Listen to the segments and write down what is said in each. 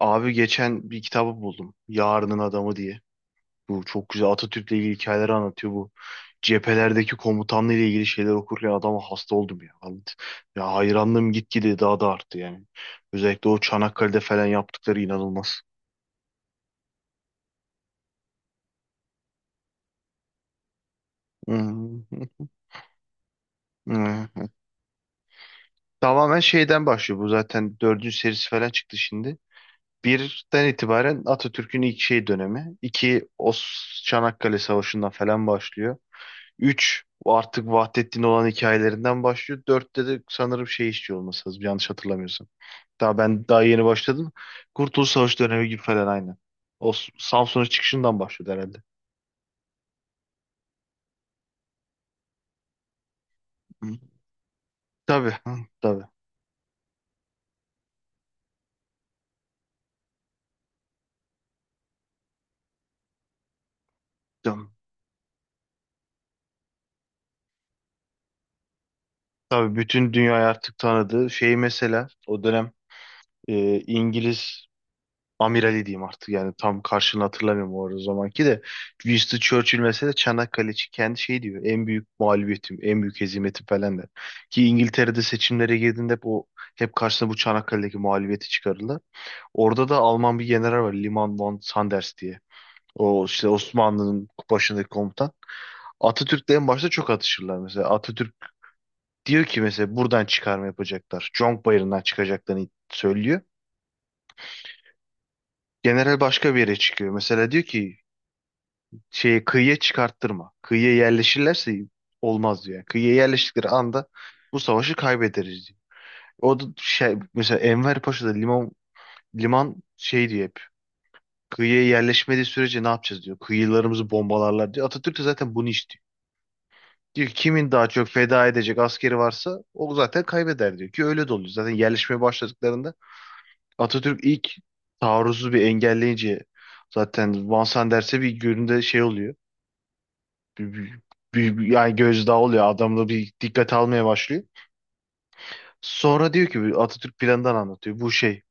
Abi geçen bir kitabı buldum. Yarının Adamı diye. Bu çok güzel, Atatürk'le ilgili hikayeleri anlatıyor bu. Cephelerdeki komutanla ile ilgili şeyler okurken adama hasta oldum ya. Ya hayranlığım gitgide daha da arttı yani. Özellikle o Çanakkale'de falan yaptıkları inanılmaz. Hmm. Hmm. Tamamen şeyden başlıyor, bu zaten dördüncü serisi falan çıktı şimdi. Birden itibaren Atatürk'ün ilk şey dönemi. İki, o Çanakkale Savaşı'ndan falan başlıyor. Üç, artık Vahdettin olan hikayelerinden başlıyor. 4'te de sanırım şey, işçi olması lazım, yanlış hatırlamıyorsam. Daha ben daha yeni başladım. Kurtuluş Savaşı dönemi gibi falan aynı. O Samsun'un çıkışından başlıyor herhalde. Hı. Tabii, hı, tabii. Tamam. Tabii bütün dünyayı artık tanıdığı şey, mesela o dönem İngiliz amirali diyeyim artık, yani tam karşılığını hatırlamıyorum, o arada zamanki de Winston Churchill mesela Çanakkale için kendi şey diyor, en büyük mağlubiyetim, en büyük hezimetim falan der. Ki İngiltere'de seçimlere girdiğinde hep o, hep karşısına bu Çanakkale'deki mağlubiyeti çıkarırlar. Orada da Alman bir general var, Liman von Sanders diye. O işte Osmanlı'nın başındaki komutan. Atatürk'le en başta çok atışırlar mesela. Atatürk diyor ki mesela buradan çıkarma yapacaklar. Conk Bayırı'ndan çıkacaklarını söylüyor. General başka bir yere çıkıyor. Mesela diyor ki şeye, kıyıya çıkarttırma. Kıyıya yerleşirlerse olmaz diyor. Yani kıyıya yerleştikleri anda bu savaşı kaybederiz diyor. O da şey, mesela Enver Paşa'da liman şey diyor hep. Kıyıya yerleşmediği sürece ne yapacağız diyor. Kıyılarımızı bombalarlar diyor. Atatürk de zaten bunu istiyor. Diyor ki kimin daha çok feda edecek askeri varsa o zaten kaybeder, diyor ki öyle de oluyor. Zaten yerleşmeye başladıklarında Atatürk ilk taarruzu bir engelleyince zaten Vansan derse bir günde şey oluyor. bir, bir- yani gözdağı oluyor. Adamda bir dikkat almaya başlıyor. Sonra diyor ki bir Atatürk planından anlatıyor. Bu şey,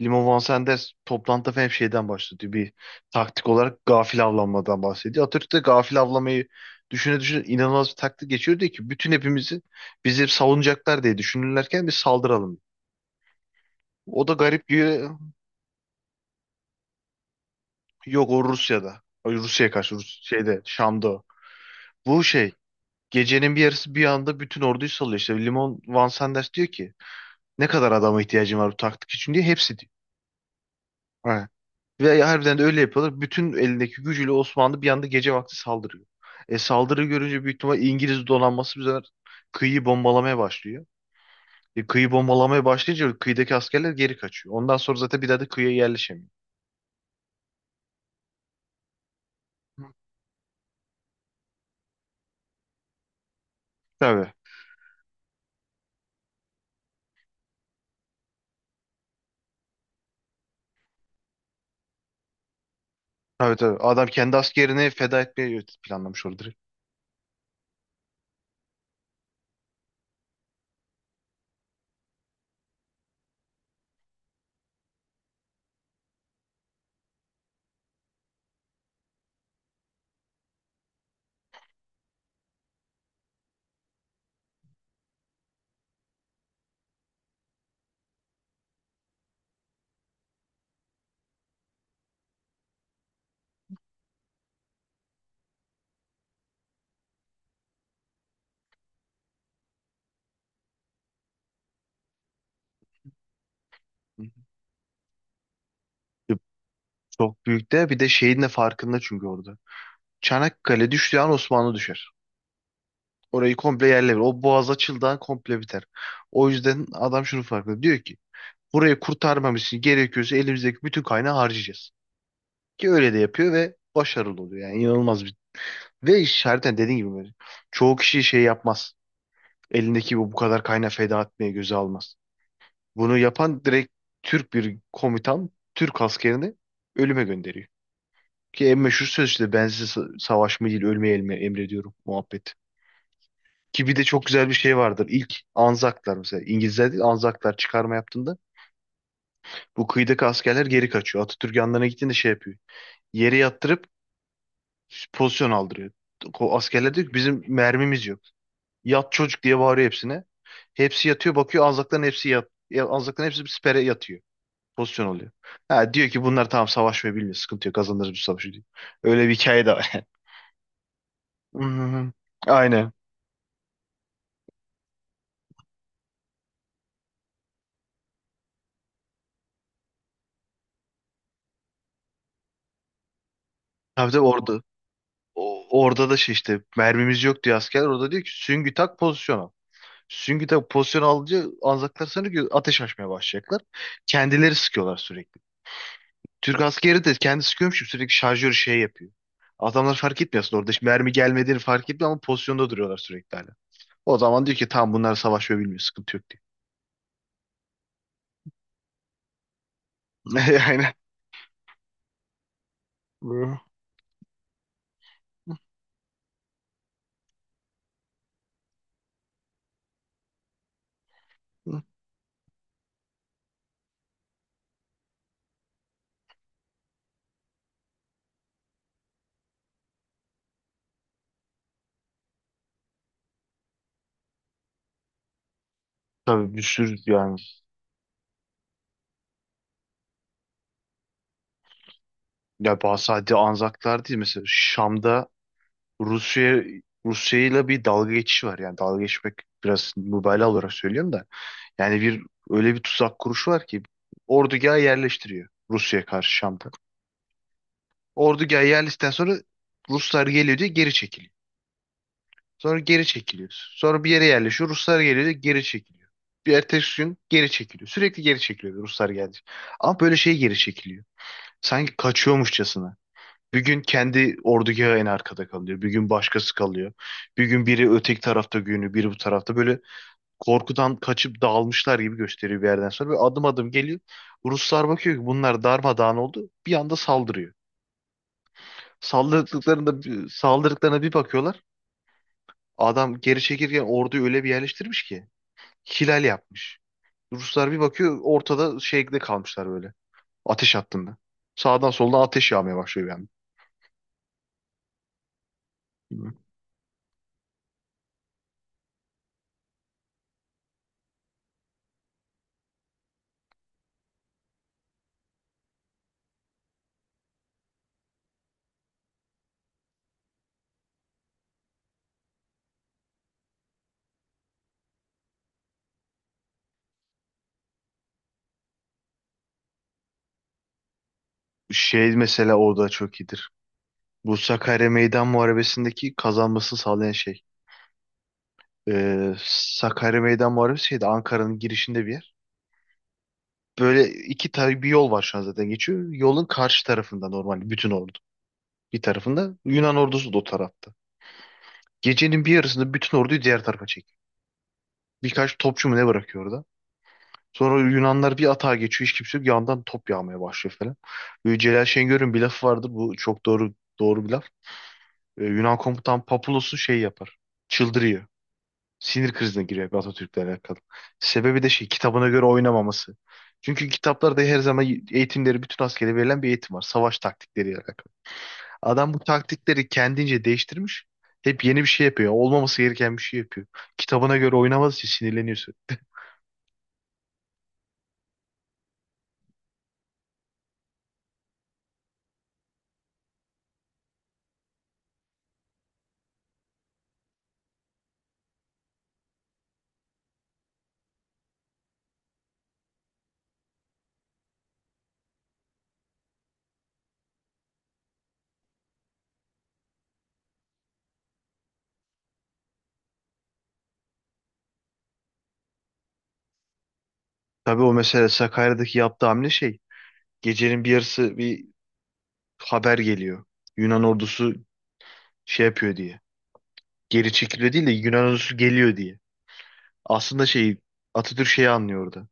Limo Van Sanders toplantıda falan hep şeyden bahsediyor. Bir taktik olarak gafil avlanmadan bahsediyor. Atatürk de gafil avlamayı düşüne düşüne inanılmaz bir taktik geçiyor. Diyor ki bütün hepimizi, bizi savunacaklar diye düşünürlerken bir saldıralım. O da garip diyor. Yok, o Rusya'da. Ay, Rusya'ya karşı Rus şeyde, Şam'da. O. Bu şey, gecenin bir yarısı bir anda bütün orduyu salıyor. İşte Limon Van Sanders diyor ki ne kadar adama ihtiyacın var bu taktik için diye, hepsi diyor. Ha. Ve harbiden de öyle yapıyorlar. Bütün elindeki gücüyle Osmanlı bir anda gece vakti saldırıyor. E, saldırı görünce büyük ihtimal İngiliz donanması bu sefer kıyıyı bombalamaya başlıyor. Kıyı bombalamaya başlayınca kıyıdaki askerler geri kaçıyor. Ondan sonra zaten bir daha da kıyıya yerleşemiyor. Hı. Tabii. Tabii, tabii. Adam kendi askerini feda etmeyi planlamış orada, direkt. Hı. E, Çok büyük de bir de şeyin de farkında çünkü orada. Çanakkale düştüğü an Osmanlı düşer. Orayı komple yerle verir. O boğaz açıldığı an komple biter. O yüzden adam şunu farkında. Diyor ki burayı kurtarmamız için gerekiyorsa elimizdeki bütün kaynağı harcayacağız. Ki öyle de yapıyor ve başarılı oluyor. Yani inanılmaz bir. Ve işareten dediğin gibi böyle. Çoğu kişi şey yapmaz. Elindeki bu kadar kaynağı feda etmeye göze almaz. Bunu yapan direkt Türk bir komutan Türk askerini ölüme gönderiyor. Ki en meşhur söz işte, ben size savaşmayı değil ölmeyi emrediyorum muhabbeti. Ki bir de çok güzel bir şey vardır. İlk Anzaklar mesela. İngilizler değil, Anzaklar çıkarma yaptığında bu kıyıdaki askerler geri kaçıyor. Atatürk yanlarına gittiğinde şey yapıyor. Yere yattırıp pozisyon aldırıyor. O askerler diyor ki bizim mermimiz yok. Yat çocuk diye bağırıyor hepsine. Hepsi yatıyor, bakıyor Anzakların hepsi yat. Anzakların hepsi bir sipere yatıyor. Pozisyon oluyor. Ha, diyor ki bunlar tamam savaşmayı bilmiyor. Sıkıntı yok, kazanırız bu savaşı diyor. Öyle bir hikaye de var. Hı hı hı. Aynen. Tabii, tabii orada, orada da şey, işte mermimiz yok diyor askerler. Orada diyor ki süngü tak, pozisyon al. Süngü tak pozisyon alınca Anzaklar sanıyor ki ateş açmaya başlayacaklar. Kendileri sıkıyorlar sürekli. Türk askeri de kendi sıkıyormuş gibi sürekli şarjör şey yapıyor. Adamlar fark etmiyor aslında, orada hiç mermi gelmediğini fark etmiyor ama pozisyonda duruyorlar sürekli hala. O zaman diyor ki tamam, bunlar savaşıyor bilmiyor, sıkıntı yok diyor. Aynen. Hı. Tabii, bir sürü yani. Ya bazı, sadece Anzaklar değil, mesela Şam'da Rusya Rusya ile bir dalga geçişi var. Yani dalga geçmek biraz mübalağa olarak söylüyorum da. Yani bir, öyle bir tuzak kuruşu var ki ordugaha yerleştiriyor Rusya'ya karşı Şam'da. Ordugaha yerleştikten sonra Ruslar geliyor diye geri çekiliyor. Sonra geri çekiliyor. Sonra bir yere yerleşiyor. Ruslar geliyor diye geri çekiliyor. Bir ertesi gün geri çekiliyor. Sürekli geri çekiliyor, Ruslar geldi. Ama böyle şey geri çekiliyor. Sanki kaçıyormuşçasına. Bir gün kendi ordugahı en arkada kalıyor. Bir gün başkası kalıyor. Bir gün biri öteki tarafta günü, biri bu tarafta. Böyle korkudan kaçıp dağılmışlar gibi gösteriyor bir yerden sonra. Böyle adım adım geliyor. Ruslar bakıyor ki bunlar darmadağın oldu. Bir anda saldırıyor. Saldırdıklarında, saldırdıklarına bir bakıyorlar. Adam geri çekirken orduyu öyle bir yerleştirmiş ki. Hilal yapmış. Ruslar bir bakıyor ortada şeyde kalmışlar böyle. Ateş hattında. Sağdan soldan ateş yağmaya başlıyor yani. Şey mesela orada çok iyidir. Bu Sakarya Meydan Muharebesi'ndeki kazanmasını sağlayan şey. Ee, Sakarya Meydan Muharebesi şeydi, Ankara'nın girişinde bir yer. Böyle iki tane bir yol var şu an zaten geçiyor. Yolun karşı tarafında normal bütün ordu. Bir tarafında Yunan ordusu da o tarafta. Gecenin bir yarısında bütün orduyu diğer tarafa çekiyor. Birkaç topçu mu ne bırakıyor orada. Sonra Yunanlar bir atağa geçiyor, hiç kimse yok. Yandan top yağmaya başlıyor falan. Böyle Celal Şengör'ün bir lafı vardı. Bu çok doğru, doğru bir laf. Yunan komutan Papulos'u şey yapar. Çıldırıyor. Sinir krizine giriyor bir, Atatürk'le alakalı. Sebebi de şey, kitabına göre oynamaması. Çünkü kitaplarda her zaman eğitimleri, bütün askere verilen bir eğitim var, savaş taktikleriyle alakalı. Adam bu taktikleri kendince değiştirmiş. Hep yeni bir şey yapıyor. Olmaması gereken bir şey yapıyor. Kitabına göre oynamadığı için sinirleniyorsun. Tabii o mesela Sakarya'daki yaptığı hamle şey. Gecenin bir yarısı bir haber geliyor. Yunan ordusu şey yapıyor diye. Geri çekiliyor değil de, Yunan ordusu geliyor diye. Aslında şey, Atatürk şeyi anlıyordu.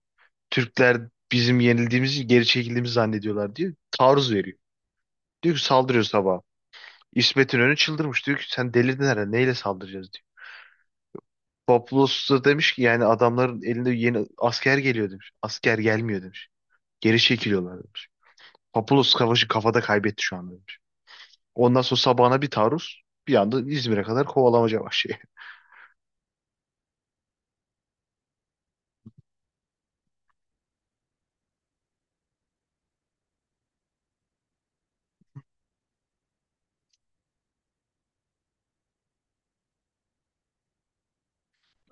Türkler bizim yenildiğimizi, geri çekildiğimizi zannediyorlar diyor. Taarruz veriyor. Diyor ki saldırıyor sabah. İsmet İnönü çıldırmış. Diyor ki sen delirdin herhalde. Neyle saldıracağız diyor. Papulos da demiş ki yani adamların elinde yeni asker geliyor demiş. Asker gelmiyor demiş. Geri çekiliyorlar demiş. Papulos savaşı kafada kaybetti şu anda demiş. Ondan sonra sabahına bir taarruz, bir anda İzmir'e kadar kovalamaca başlıyor.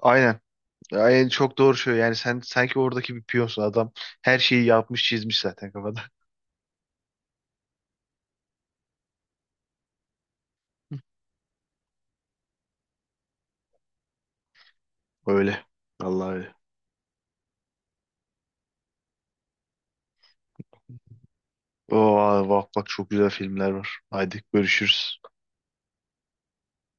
Aynen. Ya en çok doğru şey yani, sen sanki oradaki bir piyonsun, adam her şeyi yapmış çizmiş zaten kafada. Öyle. Vallahi öyle. Oo, bak bak, çok güzel filmler var. Haydi görüşürüz.